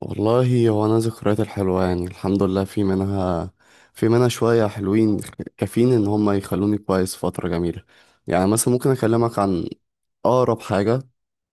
والله هو انا ذكريات الحلوه يعني الحمد لله في منها شويه حلوين. كافيين ان هم يخلوني كويس فتره جميله. يعني مثلا ممكن اكلمك عن اقرب حاجه،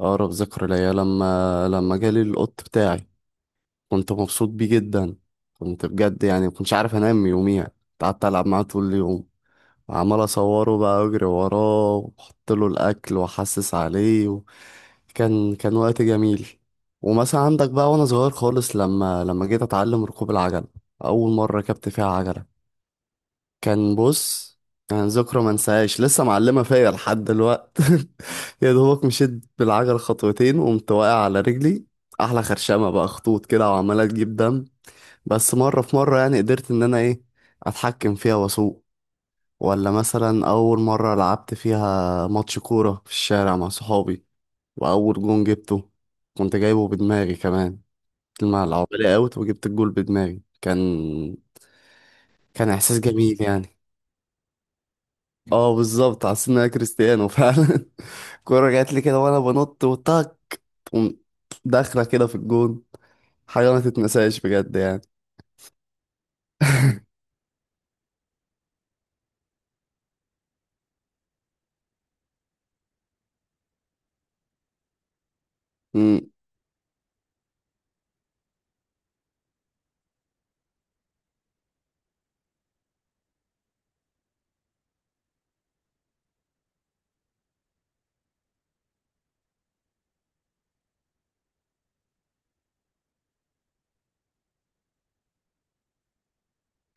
اقرب ذكرى ليا لما جالي القط بتاعي. كنت مبسوط بيه جدا، كنت بجد يعني مكنتش عارف انام يوميها. قعدت العب معاه طول اليوم، عمال اصوره بقى اجري وراه واحط له الاكل واحسس عليه كان وقت جميل. ومثلا عندك بقى وانا صغير خالص لما جيت اتعلم ركوب العجل، اول مره ركبت فيها عجله، كان بص كان ذكرى ما انساهاش، لسه معلمه فيا لحد دلوقت. يا دوبك مشيت بالعجل خطوتين وقمت واقع على رجلي، احلى خرشمه بقى، خطوط كده وعماله تجيب دم، بس مره في مره يعني قدرت ان انا ايه، اتحكم فيها واسوق. ولا مثلا أول مرة لعبت فيها ماتش كورة في الشارع مع صحابي وأول جون جبته كنت جايبه بدماغي كمان، مع العبالي أوت وجبت الجول بدماغي. كان إحساس جميل يعني. اه بالظبط، حسيت إن أنا كريستيانو فعلا. الكورة جات لي كده وأنا بنط وطاك، تقوم داخلة كده في الجون. حاجة ما تتنساش بجد يعني. امم.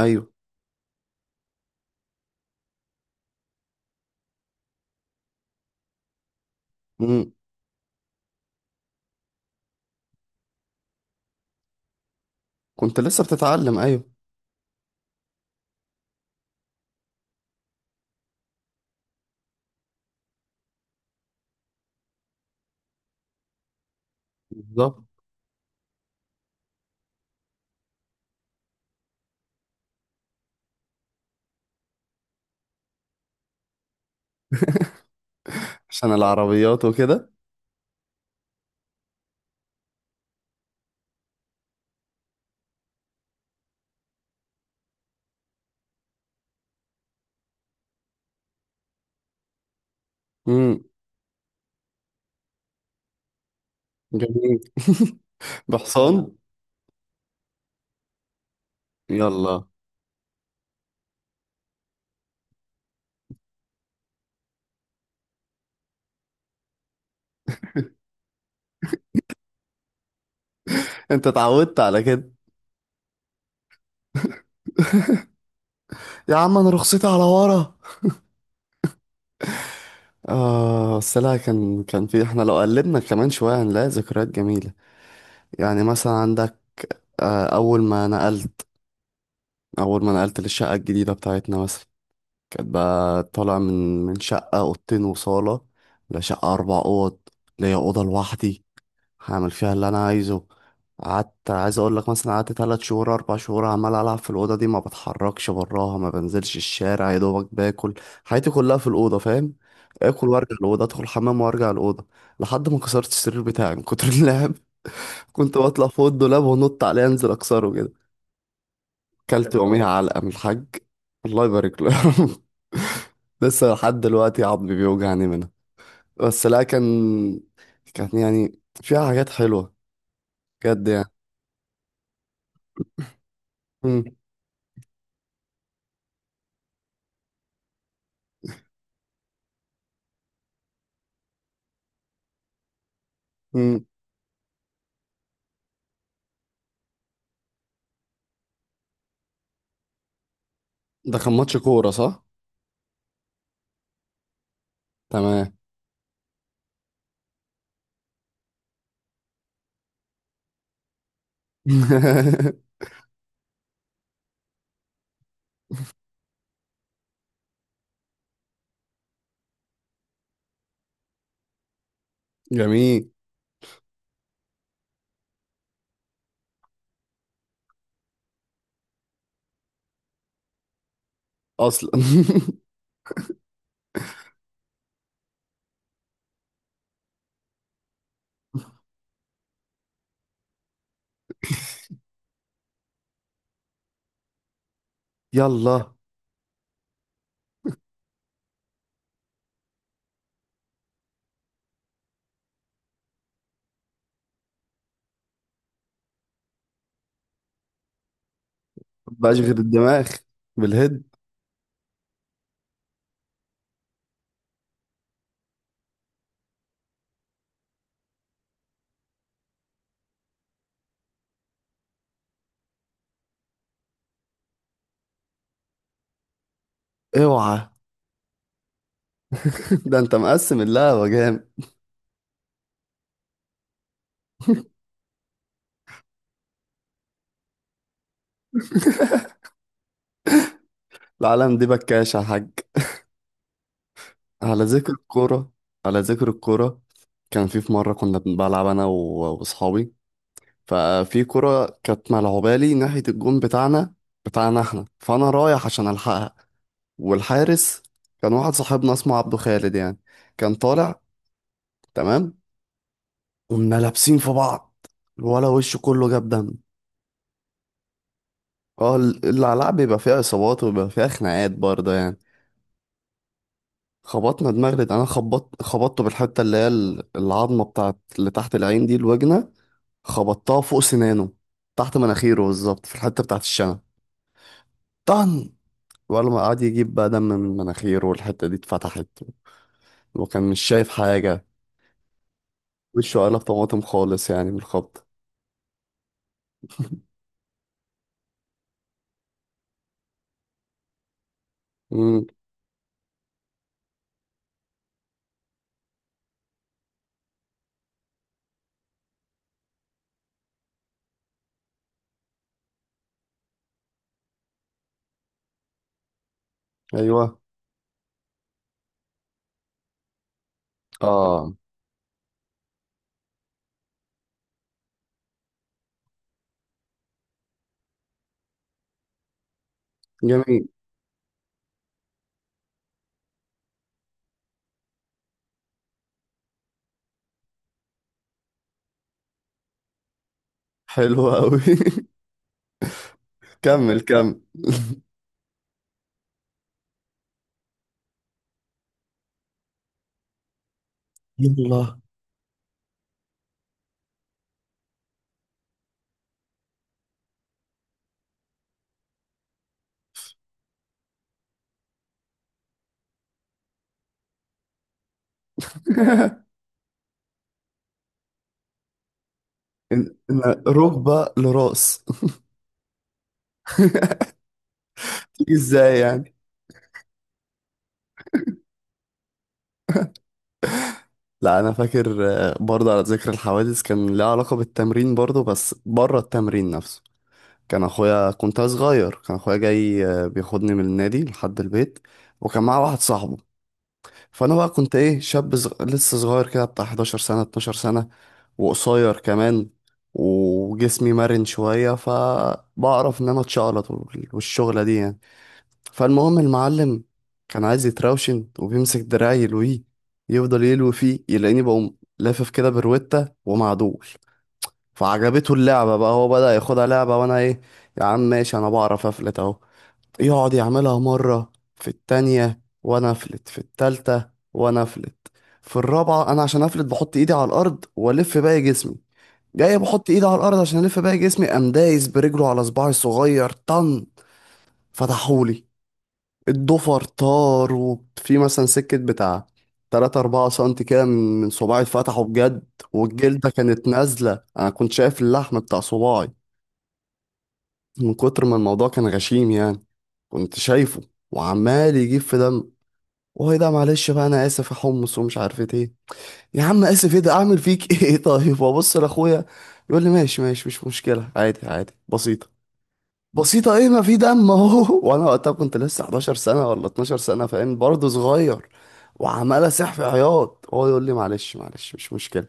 ايوه. امم. كنت لسه بتتعلم، ايوه بالظبط، عشان العربيات وكده. امم. جميل. بحصان. يلا. انت اتعودت على كده. يا عم انا رخصتي على ورا. اه بس لا، كان في احنا لو قلبنا كمان شويه هنلاقي ذكريات جميله. يعني مثلا عندك، آه اول ما نقلت اول ما نقلت للشقه الجديده بتاعتنا مثلا. كانت بقى طالع من شقه اوضتين وصاله لشقه اربع اوض، ليا اوضه لوحدي هعمل فيها اللي انا عايزه. قعدت عايز اقول لك مثلا، قعدت تلات شهور اربع شهور عمال العب في الاوضه دي، ما بتحركش براها، ما بنزلش الشارع، يا دوبك باكل. حياتي كلها في الاوضه، فاهم. اكل وارجع الاوضه، ادخل الحمام وارجع الاوضه، لحد ما كسرت السرير بتاعي من كتر اللعب. كنت بطلع فوق الدولاب ونط عليه انزل اكسره كده. كلت يوميها علقه من الحاج، الله يبارك له. لسه لحد دلوقتي عظمي بيوجعني منها. بس لا، كان يعني فيها حاجات حلوه بجد يعني. مم. مم. ده كان ماتش كورة صح؟ تمام. جميل. اصلا. يلا. مبقاش غير الدماغ. بالهد. اوعى. ده انت مقسم اللعبة جامد. العالم دي بكاشة يا حاج. على ذكر الكورة، على ذكر الكورة كان في مرة كنا بنلعب أنا و- وأصحابي، ففي كرة كانت ملعوبة لي ناحية الجون بتاعنا احنا، فأنا رايح عشان ألحقها، والحارس كان واحد صاحبنا اسمه عبده خالد يعني، كان طالع. تمام. قمنا لابسين في بعض، الولا وشه كله جاب دم. اه العلاقة بيبقى فيها إصابات وبيبقى فيها خناقات برضه يعني. خبطنا دماغ، ده أنا خبطت خبطته بالحتة اللي هي العظمة بتاعت اللي تحت العين دي، الوجنة، خبطتها فوق سنانه، تحت مناخيره بالظبط في الحتة بتاعت الشنب، طن. ولا ما قعد يجيب بقى دم من مناخيره، والحتة دي اتفتحت، وكان مش شايف حاجة، وشه قلب طماطم خالص يعني من الخبط. مم. أيوه. اه. جميل. حلو أوي. كمل كمل. يلا. إن ركبة لراس، تيجي ازاي يعني؟ لا انا فاكر، برضه على ذكر الحوادث كان لها علاقة بالتمرين برضه بس بره التمرين نفسه. كان اخويا، كنت أنا صغير، كان اخويا جاي بياخدني من النادي لحد البيت، وكان معاه واحد صاحبه. فانا بقى كنت ايه، شاب لسه صغير كده بتاع 11 سنة 12 سنة، وقصير كمان، وجسمي مرن شوية فبعرف ان انا اتشقلط والشغلة دي يعني. فالمهم المعلم كان عايز يتراوشن وبيمسك دراعي يلويه، يفضل يلوي فيه يلاقيني بقوم لافف كده بروتة ومعدول، فعجبته اللعبة بقى، هو بدأ ياخدها لعبة وانا ايه، يا عم ماشي انا بعرف افلت اهو. يقعد يعملها مرة، في التانية وانا افلت، في التالتة وانا افلت، في الرابعة انا عشان افلت بحط ايدي على الارض والف باقي جسمي. جاي بحط ايدي على الارض عشان الف باقي جسمي، قام دايس برجله على صباعي الصغير، طن. فتحولي الضفر طار، وفي مثلا سكة بتاع تلاتة أربعة سنتي كده من صباعي اتفتحوا بجد، والجلدة كانت نازلة، أنا كنت شايف اللحم بتاع صباعي من كتر ما الموضوع كان غشيم يعني. كنت شايفه، وعمال يجيب في دم، وهي ده معلش بقى أنا آسف يا حمص ومش عارف إيه. يا عم آسف؟ إيه ده أعمل فيك؟ إيه طيب. وأبص لأخويا يقول لي ماشي ماشي، مش مشكلة، عادي عادي، بسيطة بسيطة. ايه ما في دم اهو. وانا وقتها كنت لسه 11 سنة ولا 12 سنة، فاهم، برضه صغير، وعمال اسح في عياط، هو يقول لي معلش معلش مش مشكلة.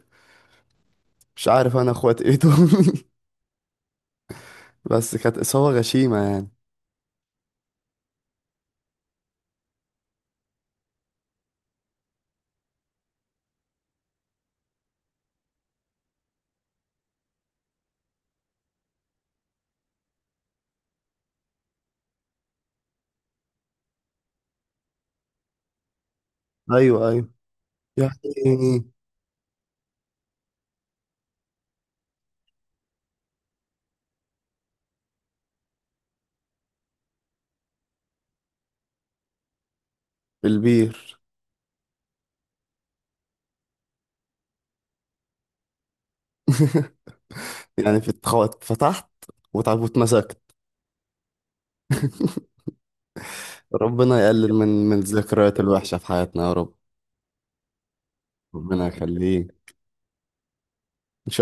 مش عارف انا اخوات ايه دول. بس كانت اصابة غشيمة يعني. ايوه ايوه. يعني في البير. يعني في اتفتحت واتمسكت. ربنا يقلل من الذكريات الوحشة في حياتنا يا رب. ربنا يخليه.